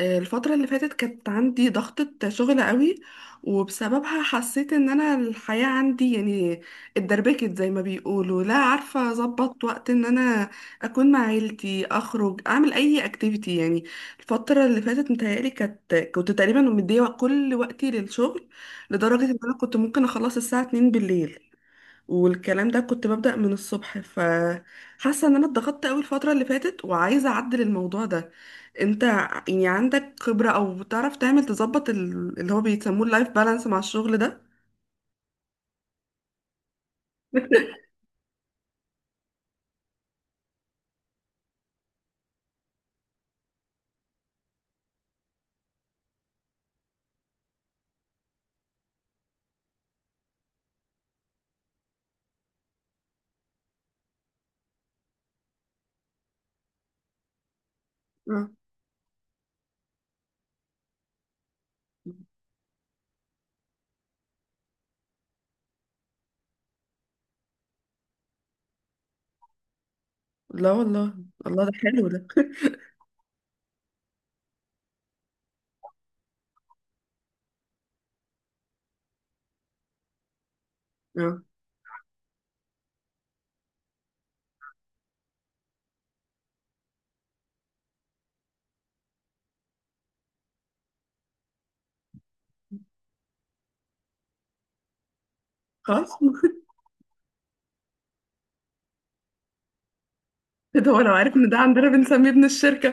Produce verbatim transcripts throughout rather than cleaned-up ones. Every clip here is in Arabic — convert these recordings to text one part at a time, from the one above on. آه، الفترة اللي فاتت كانت عندي ضغطة شغل قوي، وبسببها حسيت ان انا الحياة عندي يعني اتدربكت، زي ما بيقولوا، لا عارفة اظبط وقت ان انا اكون مع عيلتي، اخرج، اعمل اي اكتيفيتي. يعني الفترة اللي فاتت متهيألي كانت كنت تقريبا مدية كل وقتي للشغل، لدرجة ان انا كنت ممكن اخلص الساعة اتنين بالليل. والكلام ده كنت ببدأ من الصبح، فحاسة ان انا اتضغطت قوي الفترة اللي فاتت وعايزة اعدل الموضوع ده. انت يعني عندك خبرة او بتعرف تعمل تظبط ال- اللي هو بيسموه اللايف بالانس مع الشغل ده؟ آه. لا والله، الله ده حلو ده. اه، خلاص. ده هو لو عارف ان ده عندنا بنسميه ابن الشركة.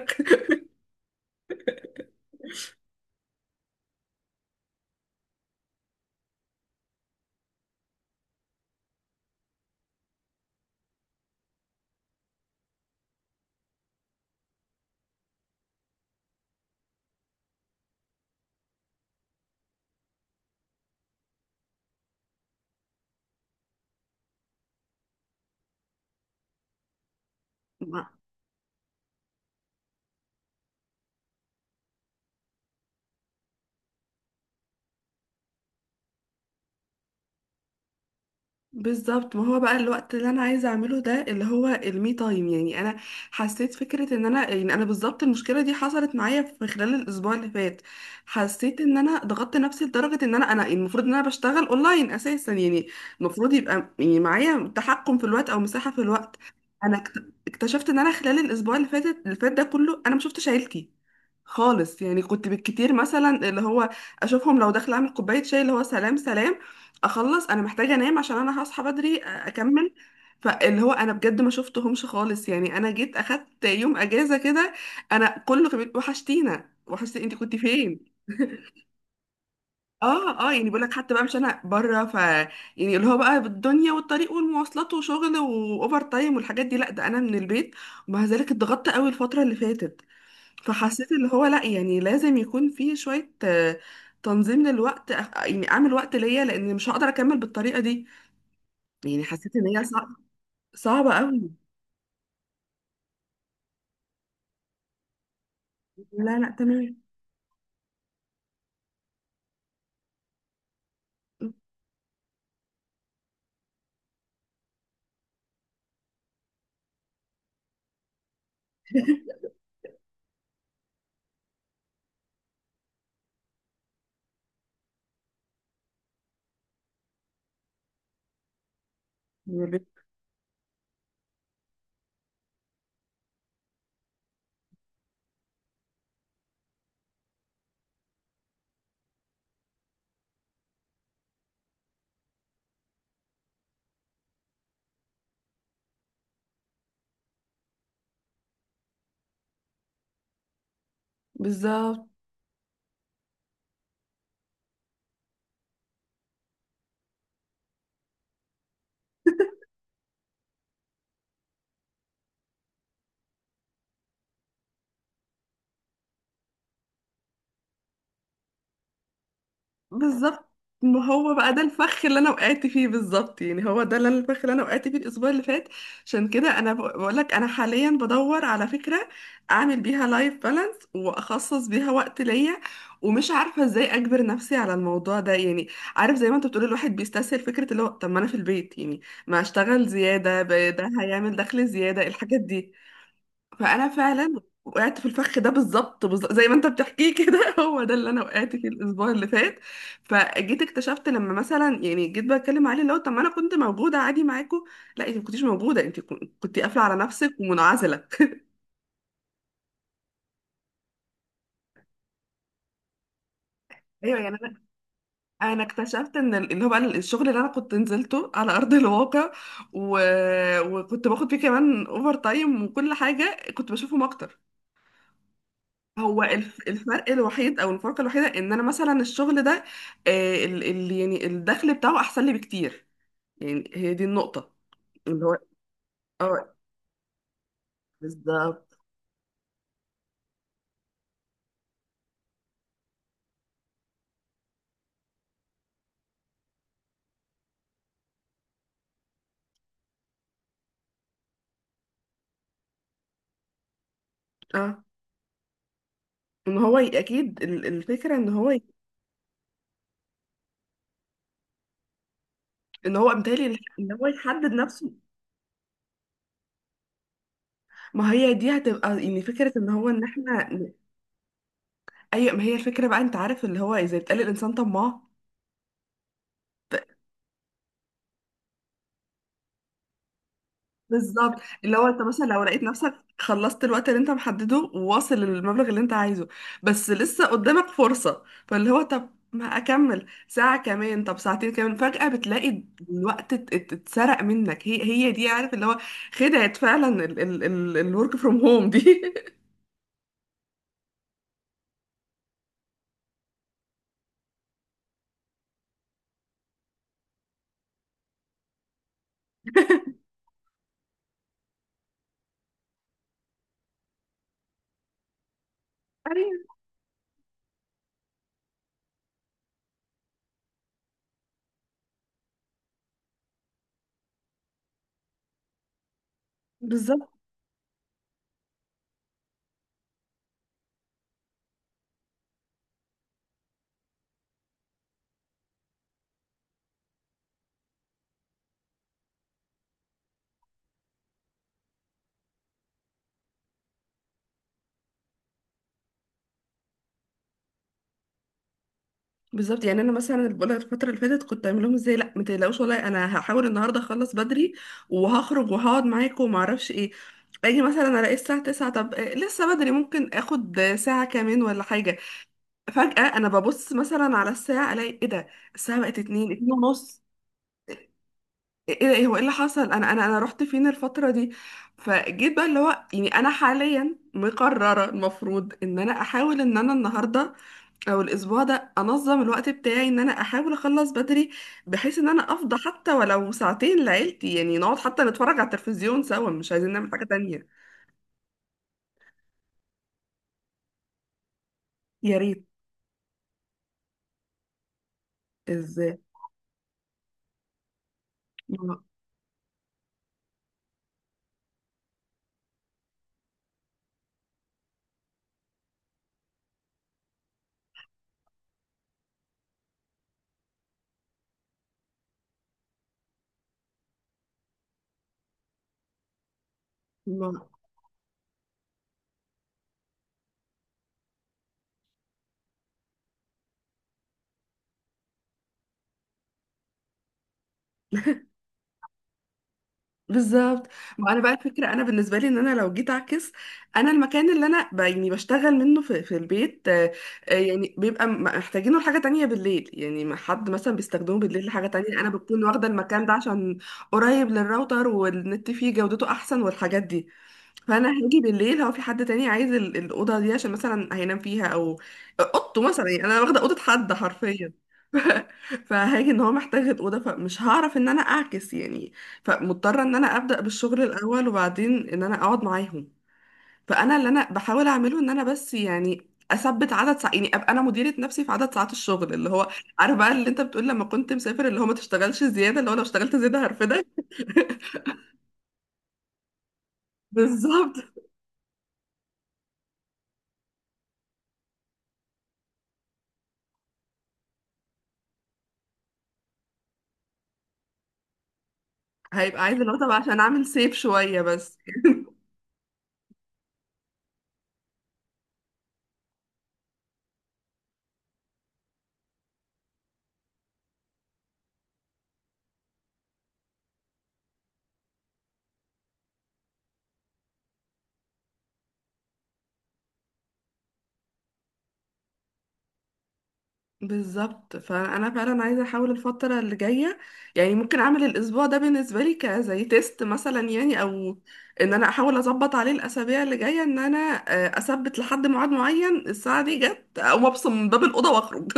بالظبط. ما هو بقى الوقت اللي انا عايزه اعمله ده اللي هو المي تايم. يعني انا حسيت فكره ان انا، يعني انا بالظبط المشكله دي حصلت معايا في خلال الاسبوع اللي فات. حسيت ان انا ضغطت نفسي لدرجه ان انا انا يعني المفروض ان انا بشتغل اونلاين اساسا. يعني المفروض يبقى يعني معايا تحكم في الوقت او مساحه في الوقت. انا اكت- اكتشفت ان انا خلال الاسبوع اللي فاتت اللي فات ده كله انا ما شفتش عيلتي خالص. يعني كنت بالكتير مثلا اللي هو اشوفهم لو داخله اعمل كوبايه شاي، اللي هو سلام سلام، اخلص، انا محتاجه انام عشان انا هصحى بدري أ- اكمل. فاللي هو انا بجد ما شفتهمش خالص. يعني انا جيت اخدت يوم اجازه كده، انا كله كان بيقول وحشتينا، وحشتي، انت كنت فين؟ اه اه، يعني بقول لك حتى بقى مش انا بره. ف يعني اللي هو بقى بالدنيا والطريق والمواصلات وشغل واوفر تايم والحاجات دي، لا ده انا من البيت، ومع ذلك اتضغطت قوي الفتره اللي فاتت. فحسيت اللي هو لا، يعني لازم يكون في شويه آه، تنظيم للوقت. أخ- يعني اعمل وقت ليا، لان مش هقدر اكمل بالطريقه دي. يعني حسيت ان هي صعبة، صعبة قوي. لا لا، تمام. بالظبط، بالظبط. ما هو بقى ده الفخ اللي انا وقعت فيه بالظبط. يعني هو ده اللي أنا- الفخ اللي انا وقعت فيه الاسبوع اللي فات. عشان كده انا بقول لك انا حاليا بدور على فكرة اعمل بيها لايف بالانس واخصص بيها وقت ليا، ومش عارفة ازاي اجبر نفسي على الموضوع ده. يعني عارف زي ما انت بتقول، الواحد بيستسهل فكرة اللي هو طب ما انا في البيت، يعني ما اشتغل زيادة ب- ده هيعمل دخل زيادة، الحاجات دي. فانا فعلا وقعت في الفخ ده بالظبط، بالظبط زي ما انت بتحكيه كده. هو ده اللي انا وقعت فيه الاسبوع اللي فات. فجيت اكتشفت لما مثلا، يعني جيت بتكلم عليه اللي هو طب ما انا كنت موجوده عادي معاكم، لا انت ما كنتيش موجوده، انت كن- كنت قافله على نفسك ومنعزله. ايوه. يعني انا انا اكتشفت ان ال- اللي هو بقى الشغل اللي انا كنت نزلته على ارض الواقع و... وكنت باخد فيه كمان اوفر تايم، وكل حاجه كنت بشوفهم اكتر. هو الف- الفرق الوحيد او الفرق الوحيده ان انا مثلا الشغل ده آه، ال ال يعني الدخل بتاعه احسن لي بكتير. يعني هي دي النقطه اللي هو، اه بالظبط. اه، ان هو ي- اكيد ال- الفكره ان هو ي- ان هو بالتالي ال- ان هو يحدد نفسه. ما هي دي هتبقى يعني فكره ان هو ان احنا، اي ما هي الفكره بقى. انت عارف اللي هو اذا بيتقال الانسان طماع. بالظبط، اللي هو انت مثلا لو لقيت نفسك خلصت الوقت اللي انت محدده وواصل للمبلغ اللي انت عايزه، بس لسه قدامك فرصة، فاللي هو طب ما اكمل ساعة كمان، طب ساعتين كمان، فجأة بتلاقي الوقت ات- ات- اتسرق منك. هي هي دي، عارف اللي هو، خدعت فعلا الورك فروم هوم دي. ايوه بالظبط، بالظبط. يعني انا مثلا اللي بقولك الفتره اللي فاتت كنت اعمل لهم ازاي، لا ما تقلقوش، والله انا هحاول النهارده اخلص بدري وهخرج وهقعد معاكم وما اعرفش ايه. اجي مثلا الاقي الساعه تسعة، طب آه، لسه بدري، ممكن اخد آه، ساعه كمان ولا حاجه. فجاه انا ببص مثلا على الساعه، الاقي ايه ده، الساعه بقت اتنين، 2 ونص. ايه ده، ايه هو، ايه اللي حصل، انا انا انا رحت فين الفتره دي؟ فجيت بقى اللي هو، يعني انا حاليا مقرره المفروض ان انا احاول ان انا النهارده او الاسبوع ده انظم الوقت بتاعي، ان انا احاول اخلص بدري، بحيث ان انا افضى حتى ولو ساعتين لعيلتي. يعني نقعد حتى نتفرج على التلفزيون سوا، مش عايزين نعمل حاجة تانية. يا ريت. ازاي؟ ما ما بالظبط. ما انا بقى الفكره انا بالنسبه لي ان انا لو جيت اعكس، انا المكان اللي انا ب- يعني بشتغل منه في, في البيت، آه، آه، يعني بيبقى م- محتاجينه لحاجه تانية بالليل. يعني ما حد مثلا بيستخدمه بالليل لحاجه تانية، انا بكون واخده المكان ده عشان قريب للراوتر، والنت فيه جودته احسن، والحاجات دي. فانا هاجي بالليل، هو في حد تاني عايز ال- الاوضه دي عشان مثلا هينام فيها، او اوضته مثلا، يعني انا واخده اوضه حد حرفيا. ف- فهاجي ان هو محتاج الاوضه، فمش هعرف ان انا اعكس يعني. فمضطره ان انا ابدا بالشغل الاول وبعدين ان انا اقعد معاهم. فانا اللي انا بحاول اعمله ان انا بس يعني اثبت عدد ساعات، يعني ابقى انا مديره نفسي في عدد ساعات الشغل، اللي هو عارف بقى اللي انت بتقول لما كنت مسافر اللي هو ما تشتغلش زياده، اللي هو لو اشتغلت زياده هرفدك. بالظبط، هيبقى عايز اللي هو طب عشان اعمل سيف شويه بس. بالظبط، فانا فعلا عايزه احاول الفتره اللي جايه، يعني ممكن اعمل الاسبوع ده بالنسبه لي كزي تيست مثلا، يعني او ان انا احاول اظبط عليه الاسابيع اللي جايه، ان انا آه، اثبت لحد ميعاد معين الساعه دي جت اقوم ابصم من باب الاوضه واخرج.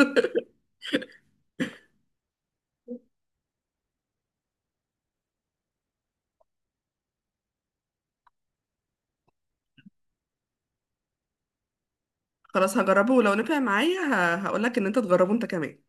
خلاص هجربه، ولو نفع معايا هقول لك ان انت تجربه انت كمان.